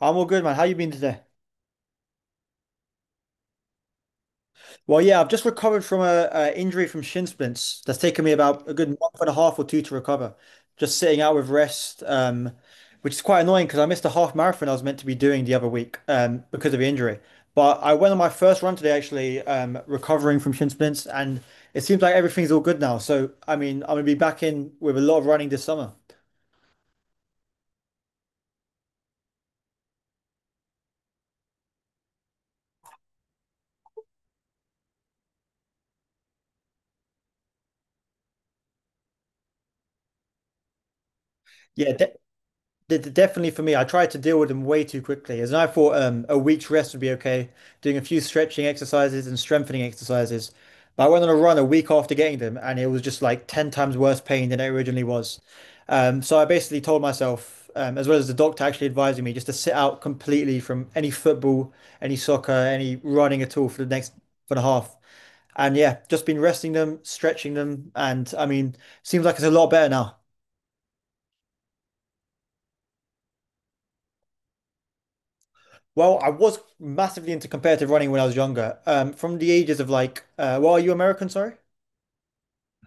I'm all good, man. How you been today? Well, yeah, I've just recovered from a injury from shin splints. That's taken me about a good month and a half or two to recover. Just sitting out with rest, which is quite annoying because I missed a half marathon I was meant to be doing the other week because of the injury. But I went on my first run today, actually, recovering from shin splints, and it seems like everything's all good now. So, I mean, I'm gonna be back in with a lot of running this summer. Yeah, definitely for me, I tried to deal with them way too quickly. As in, I thought a week's rest would be okay, doing a few stretching exercises and strengthening exercises. But I went on a run a week after getting them, and it was just like 10 times worse pain than it originally was. So I basically told myself, as well as the doctor actually advising me, just to sit out completely from any football, any soccer, any running at all for the next for the half. And yeah, just been resting them, stretching them, and I mean, seems like it's a lot better now. Well, I was massively into competitive running when I was younger. From the ages of well, are you American? Sorry.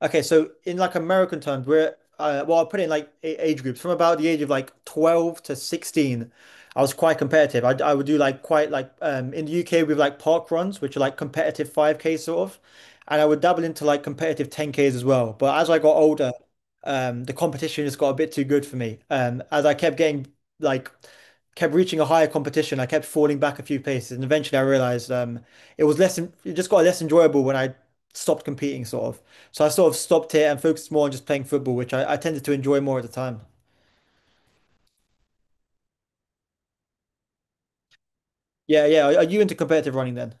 Okay, so in like American terms, we're well, I'll put it in like age groups from about the age of like 12 to 16. I was quite competitive. I would do like quite like in the UK we have like park runs, which are like competitive 5K sort of, and I would dabble into like competitive 10Ks as well. But as I got older, the competition just got a bit too good for me. As I kept getting like kept reaching a higher competition, I kept falling back a few paces, and eventually I realized it just got less enjoyable when I stopped competing, sort of. So I sort of stopped it and focused more on just playing football, which I tended to enjoy more at the time. Yeah, yeah. Are you into competitive running then?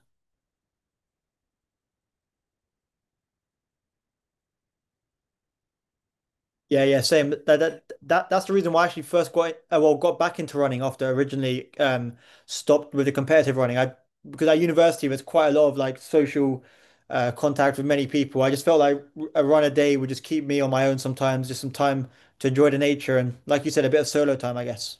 Yeah, yeah, same. That's the reason why I actually first got well got back into running after I originally stopped with the competitive running. I Because at university was quite a lot of like social contact with many people. I just felt like a run a day would just keep me on my own sometimes, just some time to enjoy the nature and like you said, a bit of solo time, I guess.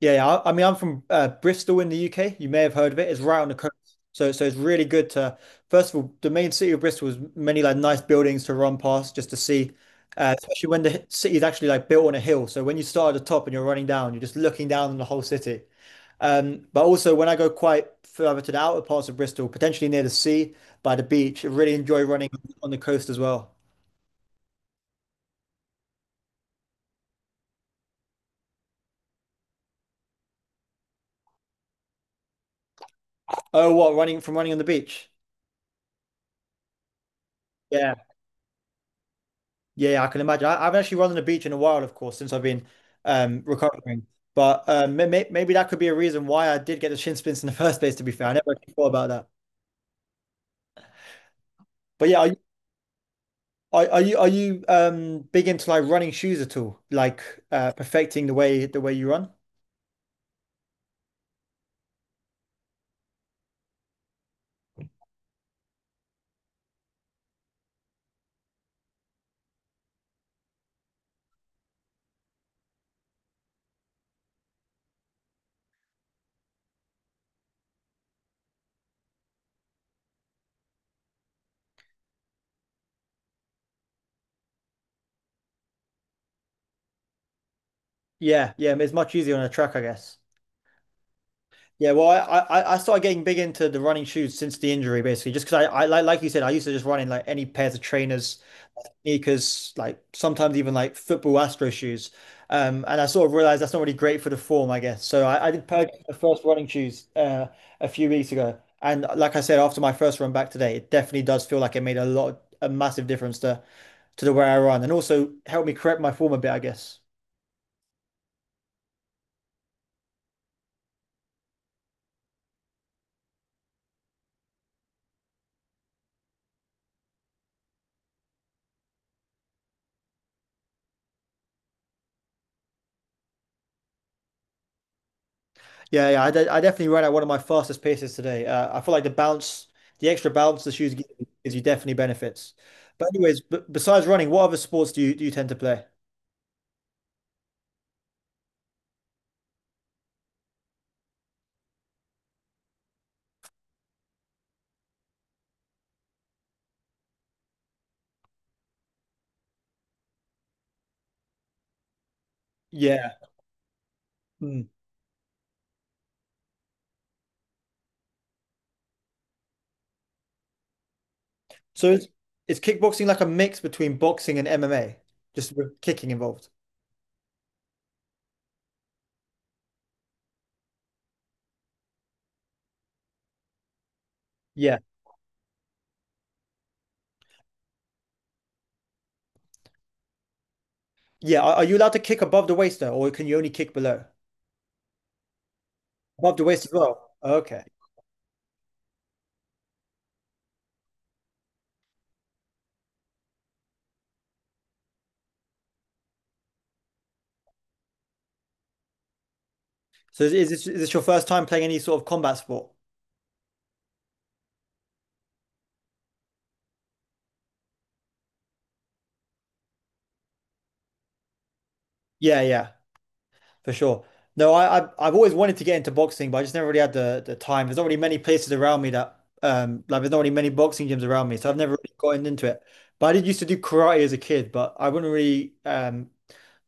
Yeah, yeah. I mean, I'm from Bristol in the UK. You may have heard of it. It's right on the coast, so it's really good to. First of all, the main city of Bristol has many like nice buildings to run past just to see, especially when the city is actually like built on a hill. So when you start at the top and you're running down, you're just looking down on the whole city. But also when I go quite further to the outer parts of Bristol, potentially near the sea, by the beach, I really enjoy running on the coast as well. Oh, what running from running on the beach? Yeah. Yeah, yeah, I can imagine. I haven't actually run on the beach in a while, of course, since I've been recovering. But maybe that could be a reason why I did get the shin splints in the first place. To be fair, I never actually thought about that. But yeah, are you are you big into like running shoes at all? Perfecting the way you run? Yeah, yeah, it's much easier on a track, I guess. Yeah, well, I started getting big into the running shoes since the injury, basically, just because I like you said, I used to just run in like any pairs of trainers sneakers, like sometimes even like football Astro shoes. And I sort of realized that's not really great for the form, I guess. So I did purchase the first running shoes a few weeks ago. And like I said, after my first run back today, it definitely does feel like it made a massive difference to the way I run and also helped me correct my form a bit, I guess. Yeah, yeah, I definitely ran at one of my fastest paces today. I feel like the extra bounce the shoes give you, gives you definitely benefits. But anyways, b besides running, what other sports do you tend to play? Yeah. Mm. So is kickboxing like a mix between boxing and MMA, just with kicking involved? Yeah. Yeah. Are you allowed to kick above the waist though, or can you only kick below? Above the waist as well. Okay. So is this your first time playing any sort of combat sport? Yeah, yeah. For sure. No, I, I've always wanted to get into boxing, but I just never really had the time. There's not really many places around me that, there's not really many boxing gyms around me, so I've never really gotten into it. But I did used to do karate as a kid, but I wouldn't really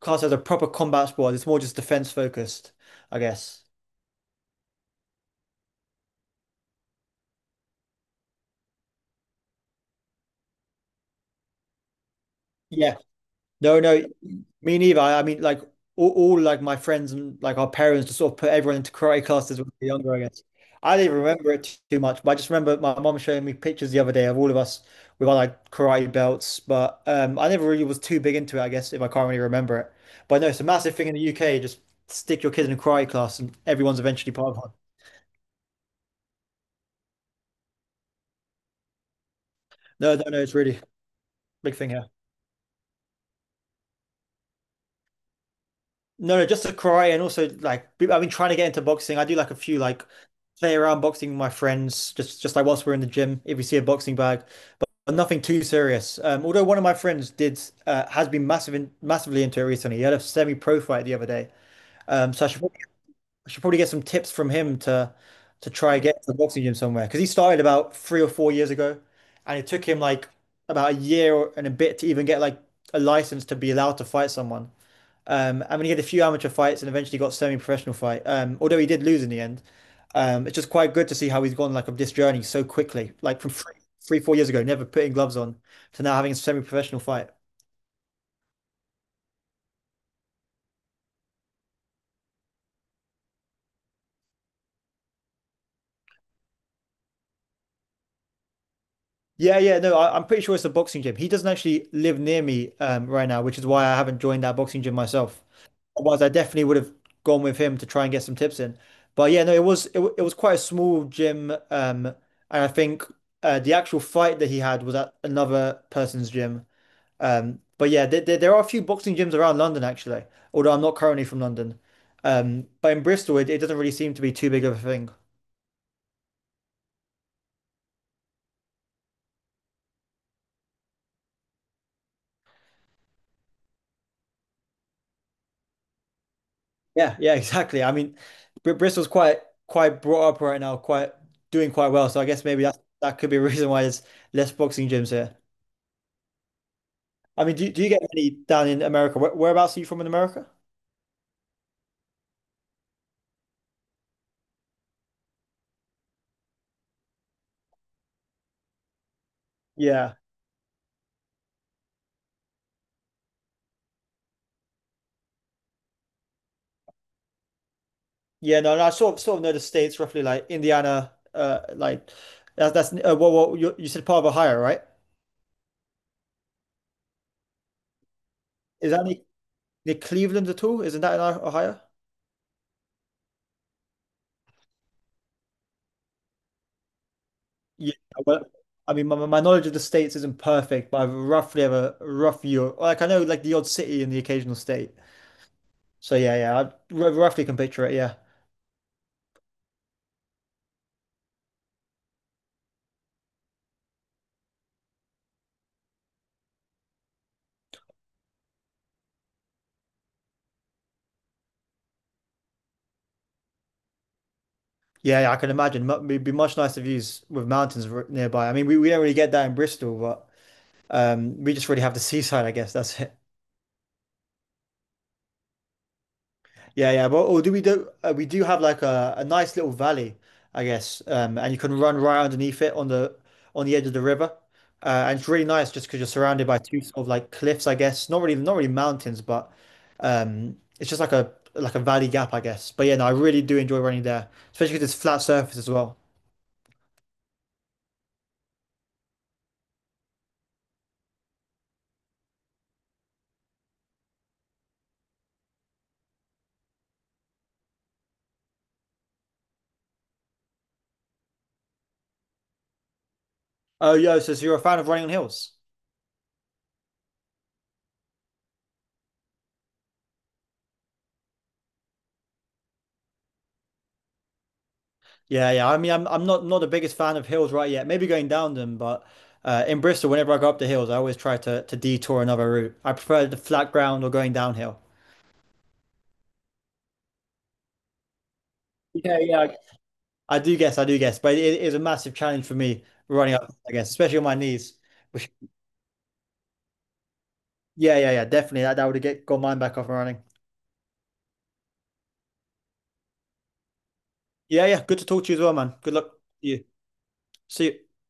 class it as a proper combat sport. It's more just defense focused, I guess. Yeah, No, no, me neither. I mean, like all like my friends and like our parents just sort of put everyone into karate classes when we were younger, I guess. I didn't remember it too much, but I just remember my mom showing me pictures the other day of all of us with our like karate belts. But I never really was too big into it, I guess, if I can't really remember it. But no, it's a massive thing in the UK. Just stick your kid in a karate class, and everyone's eventually part of one. No, no, no, It's really a big thing here. No, no, just to cry and also like I've been trying to get into boxing. I do like a few like play around boxing with my friends, just like whilst we're in the gym, if we see a boxing bag, but nothing too serious. Although one of my friends did has been massively into it recently. He had a semi-pro fight the other day. Um, so I should probably, I should probably get some tips from him to try and get to the boxing gym somewhere because he started about 3 or 4 years ago, and it took him like about a year and a bit to even get like a license to be allowed to fight someone. I mean, he had a few amateur fights and eventually got semi-professional fight. Although he did lose in the end. It's just quite good to see how he's gone like of this journey so quickly, like from 4 years ago, never putting gloves on to now having a semi-professional fight. Yeah, yeah, no, I'm pretty sure it's a boxing gym. He doesn't actually live near me right now, which is why I haven't joined that boxing gym myself. Otherwise, I definitely would have gone with him to try and get some tips in. But yeah, no, it was quite a small gym, and I think the actual fight that he had was at another person's gym. But yeah, there are a few boxing gyms around London actually, although I'm not currently from London. But in Bristol, it doesn't really seem to be too big of a thing. Yeah, yeah, exactly. I mean, Br Bristol's quite brought up right now, quite doing quite well. So I guess maybe that could be a reason why there's less boxing gyms here. I mean, do you get any down in America? Whereabouts are you from in America? Yeah, yeah. No, no. I sort of know the states roughly, like Indiana. Well, you said part of Ohio, right? Is that any near Cleveland at all? Isn't that in Ohio? Yeah, well, I mean, my knowledge of the states isn't perfect, but I roughly have a rough view. Like I know, like the odd city and the occasional state. So yeah, yeah, roughly can picture it. Yeah, yeah, yeah I can imagine. It'd be much nicer views with mountains nearby. I mean, we don't really get that in Bristol, but we just really have the seaside, I guess. That's it. Yeah, yeah. Well, or do we do we do have like a nice little valley, I guess, and you can run right underneath it on the edge of the river, and it's really nice just because you're surrounded by two sort of like cliffs, I guess. Not really mountains, but it's just like a valley gap, I guess. But yeah, no, I really do enjoy running there, especially because it's flat surface as well. Oh, yo, so, you're a fan of running on hills? Yeah, yeah. I mean, I'm not the biggest fan of hills right yet. Maybe going down them, but in Bristol, whenever I go up the hills, I always try to detour another route. I prefer the flat ground or going downhill. Yeah, yeah. I do guess, but it is a massive challenge for me running up, I guess, especially on my knees. Which, yeah, yeah, yeah, definitely. That would have get got mine back up and running. Yeah, yeah. Good to talk to you as well, man. Good luck to you. See you.